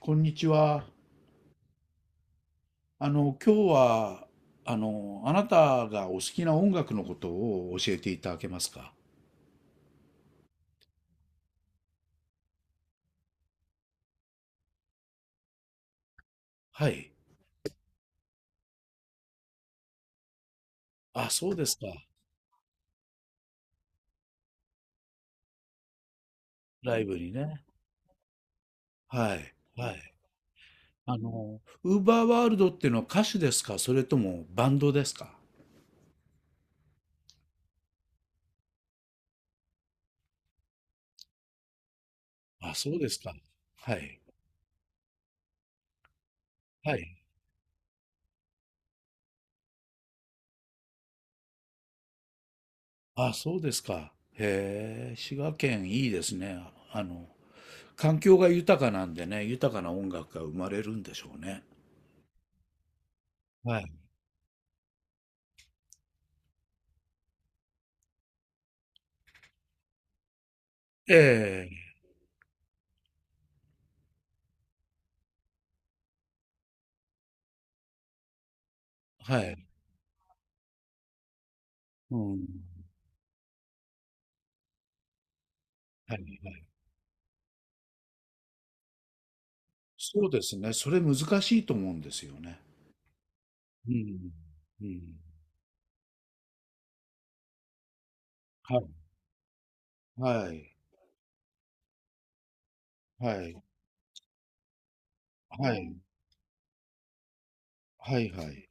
こんにちは。今日は、あなたがお好きな音楽のことを教えていただけますか？はい。あ、そうですか。ライブにね。はい。はい。ウーバーワールドっていうのは歌手ですか、それともバンドですか？あ、そうですか。はい。はい。あ、そうですか。へえ、滋賀県いいですね。あの、環境が豊かなんでね、豊かな音楽が生まれるんでしょうね。はい。ええ、はい。うん。はいはい。そうですね。それ難しいと思うんですよね。うん。うん。はい。はい。はい。はい。はい。はい。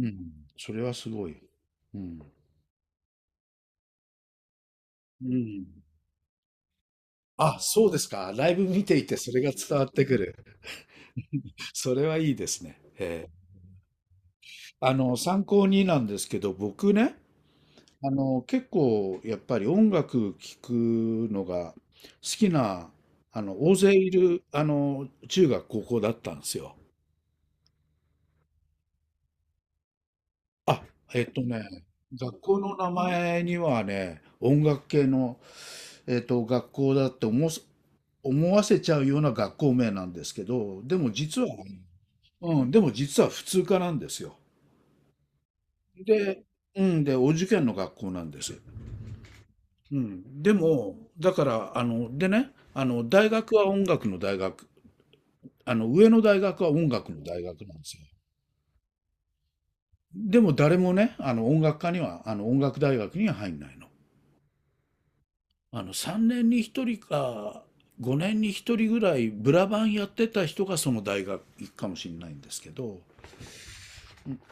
うん。それはすごい。うん。うん。あ、そうですか。ライブ見ていてそれが伝わってくる。それはいいですね。ええ、参考になんですけど、僕ね、結構やっぱり音楽聴くのが好きな、大勢いる、中学、高校だったんですよ。あ、えっとね、学校の名前にはね、音楽系の、学校だって思わせ、思わせちゃうような学校名なんですけど、でも実は、うん、でも実は普通科なんですよ。で、うん、で、お受験の学校なんです。うん、でも、だから、でね、大学は音楽の大学、上の大学は音楽の大学なんですよ。でも誰もね、音楽科には、音楽大学には入んないの。3年に1人か5年に1人ぐらいブラバンやってた人がその大学行くかもしれないんですけど、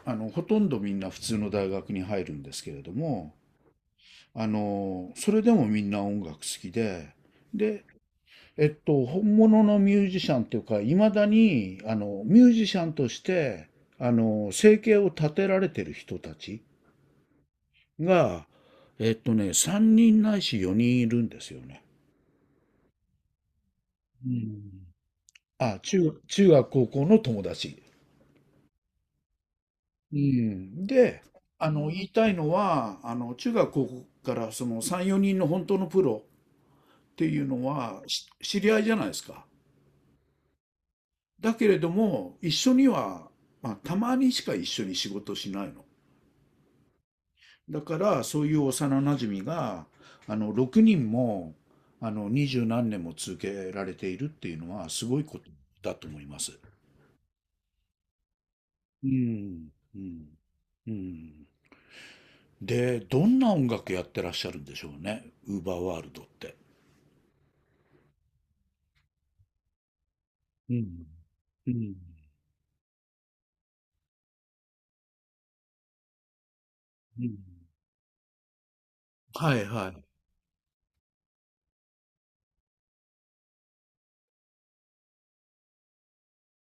ほとんどみんな普通の大学に入るんですけれども、それでもみんな音楽好きで、で、本物のミュージシャンというかいまだにミュージシャンとして生計を立てられてる人たちが、3人ないし4人いるんですよね。うん、あ、中学高校の友達。うん。で、言いたいのは、中学高校からその3、4人の本当のプロっていうのはし知り合いじゃないですか。だけれども、一緒には、まあ、たまにしか一緒に仕事しないの。だから、そういう幼なじみが、6人も、二十何年も続けられているっていうのは、すごいことだと思います。うん、うん、うん。で、どんな音楽やってらっしゃるんでしょうね、ウーバーワールドって。うん。うん。うん。はいはい。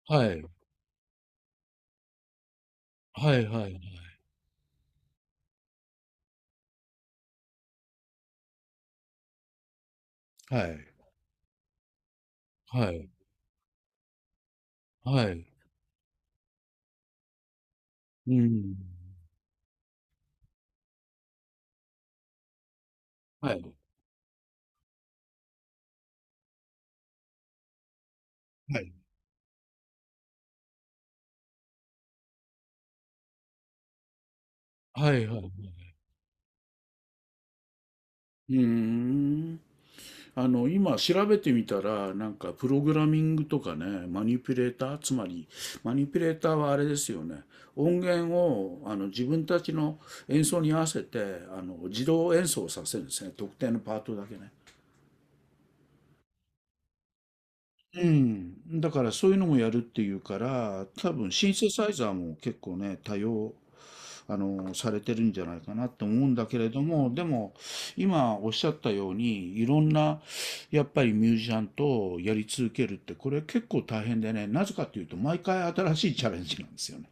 はい。はいはい。はい。はい。はい。うーん。はい。はい。はいはいはい。うーん。今調べてみたら、なんかプログラミングとかね、マニピュレーター、つまり、マニピュレーターはあれですよね。音源を、自分たちの演奏に合わせて、自動演奏させるんですね。特定のパートだけね。うん、だからそういうのもやるっていうから、多分シンセサイザーも結構ね、多用、されてるんじゃないかなと思うんだけれども、でも、今おっしゃったように、いろんな、やっぱりミュージシャンとやり続けるって、これ結構大変でね、なぜかっていうと、毎回新しいチャレンジなんですよね。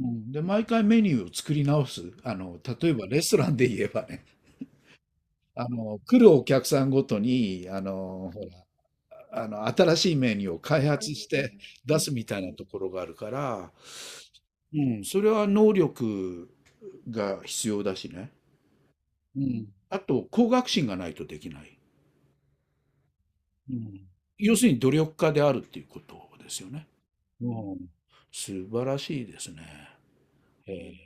うん、で、毎回メニューを作り直す。例えばレストランで言えばね、来るお客さんごとに、ほら、新しいメニューを開発して出すみたいなところがあるから、うん、それは能力が必要だしね。うん、あと、向学心がないとできない。うん、要するに努力家であるっていうことですよね。うん、素晴らしいですね。へえ。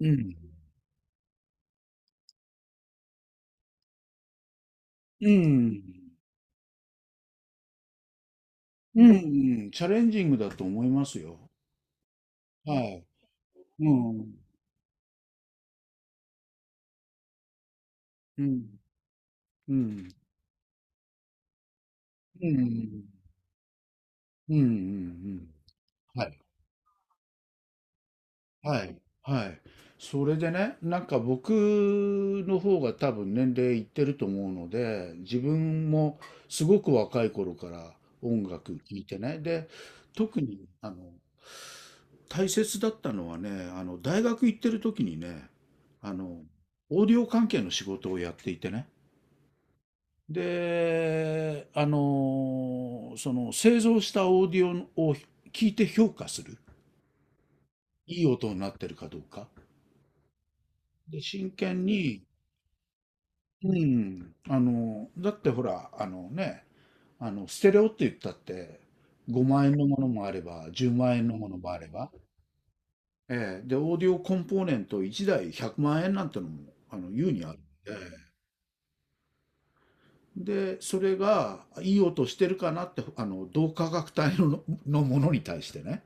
うん。うん。うん、うんチャレンジングだと思いますよ。はい。うん。うん。うん。うん。うん。うん。うん。はい。はい、はい。それでね、なんか僕の方が多分年齢いってると思うので、自分もすごく若い頃から音楽聴いてね。で、特に大切だったのはね、大学行ってる時にね、あのオーディオ関係の仕事をやっていてね。で、その製造したオーディオを聞いて評価する。いい音になってるかどうか。で、真剣にうん、だってほら、あのね、ステレオって言ったって、5万円のものもあれば、10万円のものもあれば、ええ、で、オーディオコンポーネント1台100万円なんてのも、優にあるんで、で、それがいい音してるかなって、同価格帯の、のものに対してね、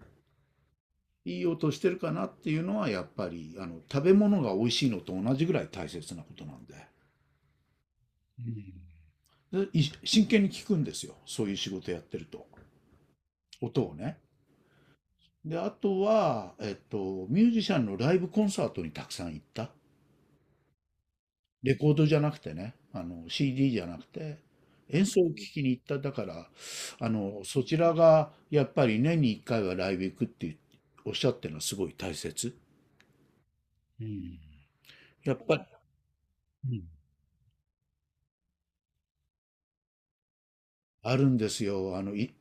いい音してるかなっていうのは、やっぱり、食べ物が美味しいのと同じぐらい大切なことなんで、うん、でい真剣に聞くんですよ、そういう仕事やってると。音をね。で、あとは、ミュージシャンのライブコンサートにたくさん行った。レコードじゃなくてね、CD じゃなくて、演奏を聴きに行った。だから、そちらがやっぱり年に1回はライブ行くっておっしゃってるのはすごい大切。うん。やっぱり、うん。あるんですよ。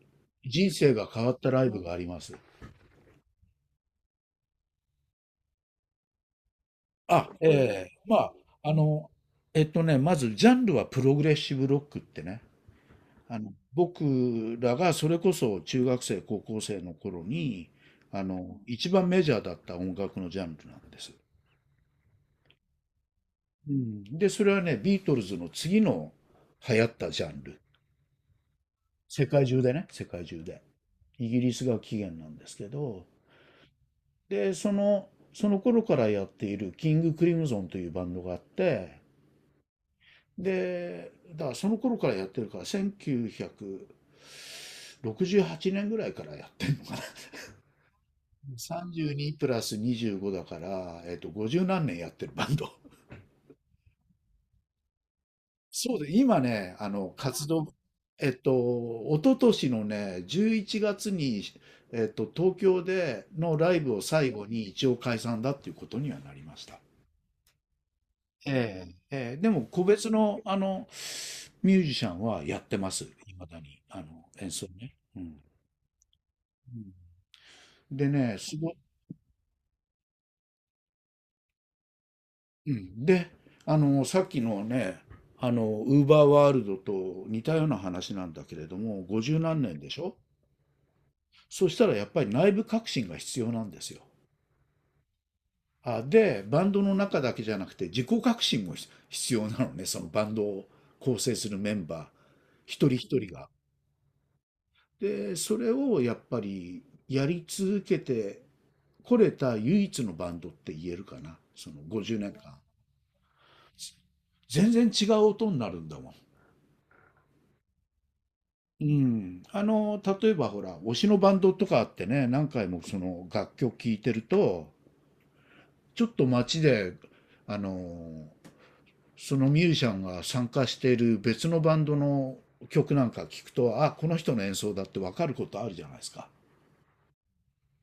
人生が変わったライブがあります。あ、ええまあ、あの、まずジャンルはプログレッシブロックってね、僕らがそれこそ中学生、高校生の頃に、一番メジャーだった音楽のジャンルなんです。うん、で、それはね、ビートルズの次の流行ったジャンル。世界中でね、世界中で。イギリスが起源なんですけど、で、その頃からやっているキング・クリムゾンというバンドがあって、で、だからその頃からやってるから、1 9 68年ぐらいからやってんのかな、32プラス25だから、50何年やってるバンド。そうで、今ね、活動、一昨年のね、11月に、東京でのライブを最後に一応解散だっていうことにはなりました。ええ、ええ、でも個別の、ミュージシャンはやってます。いまだに、演奏ね。うん。うん、でね、うん、で、さっきのね、ウーバーワールドと似たような話なんだけれども、50何年でしょ？そしたらやっぱり内部革新が必要なんですよ。あ、で、バンドの中だけじゃなくて自己革新も必必要なのね、そのバンドを構成するメンバー、一人一人が。で、それをやっぱりやり続けてこれた唯一のバンドって言えるかな、その50年間。全然違う音になるんだもん。うん、例えばほら、推しのバンドとかあってね、何回もその楽曲聴いてると、ちょっと街で、あの、そのミュージシャンが参加している別のバンドの曲なんか聞くと、あ、この人の演奏だってわかることあるじゃないですか。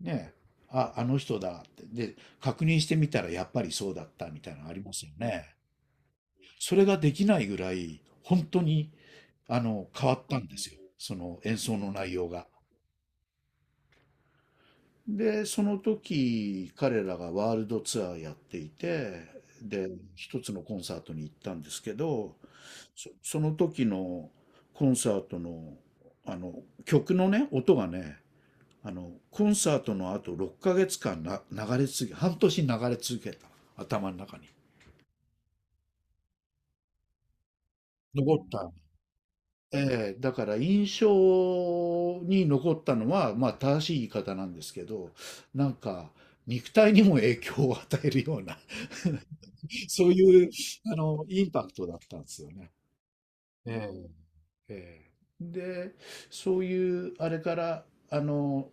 ねえ。あ、あの人だって。で、確認してみたらやっぱりそうだったみたいなのありますよね。それができないぐらい、本当に、変わったんですよ。その演奏の内容が。で、その時、彼らがワールドツアーやっていて、で、一つのコンサートに行ったんですけど、その時のコンサートの、あの、曲のね、音がね、コンサートの後6ヶ月間な、流れ続け、半年流れ続けた。頭の中に。残った。ええ、だから印象に残ったのは、まあ正しい言い方なんですけど、なんか肉体にも影響を与えるような そういう、インパクトだったんですよね。ええ、ええ、で、そういう、あれから、あの、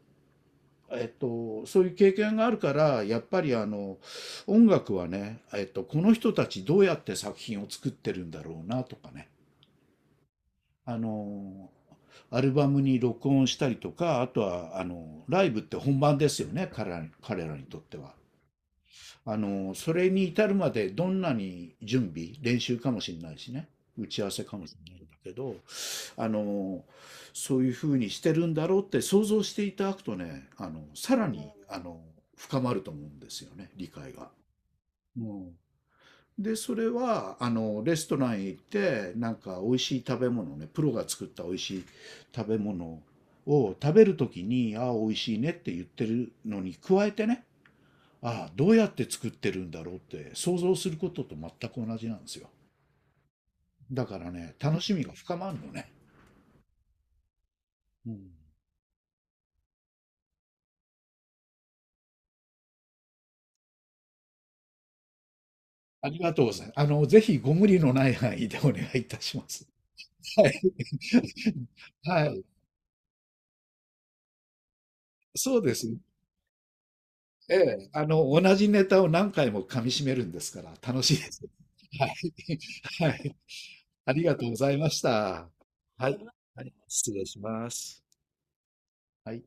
そういう経験があるから、やっぱりあの、音楽はね、この人たちどうやって作品を作ってるんだろうなとかね、あの、アルバムに録音したりとか、あとは、ライブって本番ですよね、彼らにとっては。それに至るまでどんなに準備、練習かもしれないしね、打ち合わせかもしれないんだけど、あの、そういうふうにしてるんだろうって想像していただくとね、さらに、深まると思うんですよね、理解が。うん、で、それは、レストランへ行って、なんか美味しい食べ物ね、プロが作った美味しい食べ物を食べるときに、ああ、美味しいねって言ってるのに加えてね、ああ、どうやって作ってるんだろうって想像することと全く同じなんですよ。だからね、楽しみが深まるのね。うん、ありがとうございます。ぜひご無理のない範囲でお願いいたします。はい。はい。そうですね。ええ。同じネタを何回も噛み締めるんですから、楽しいです。はい。はい。ありがとうございました。はい。はい、失礼します。はい。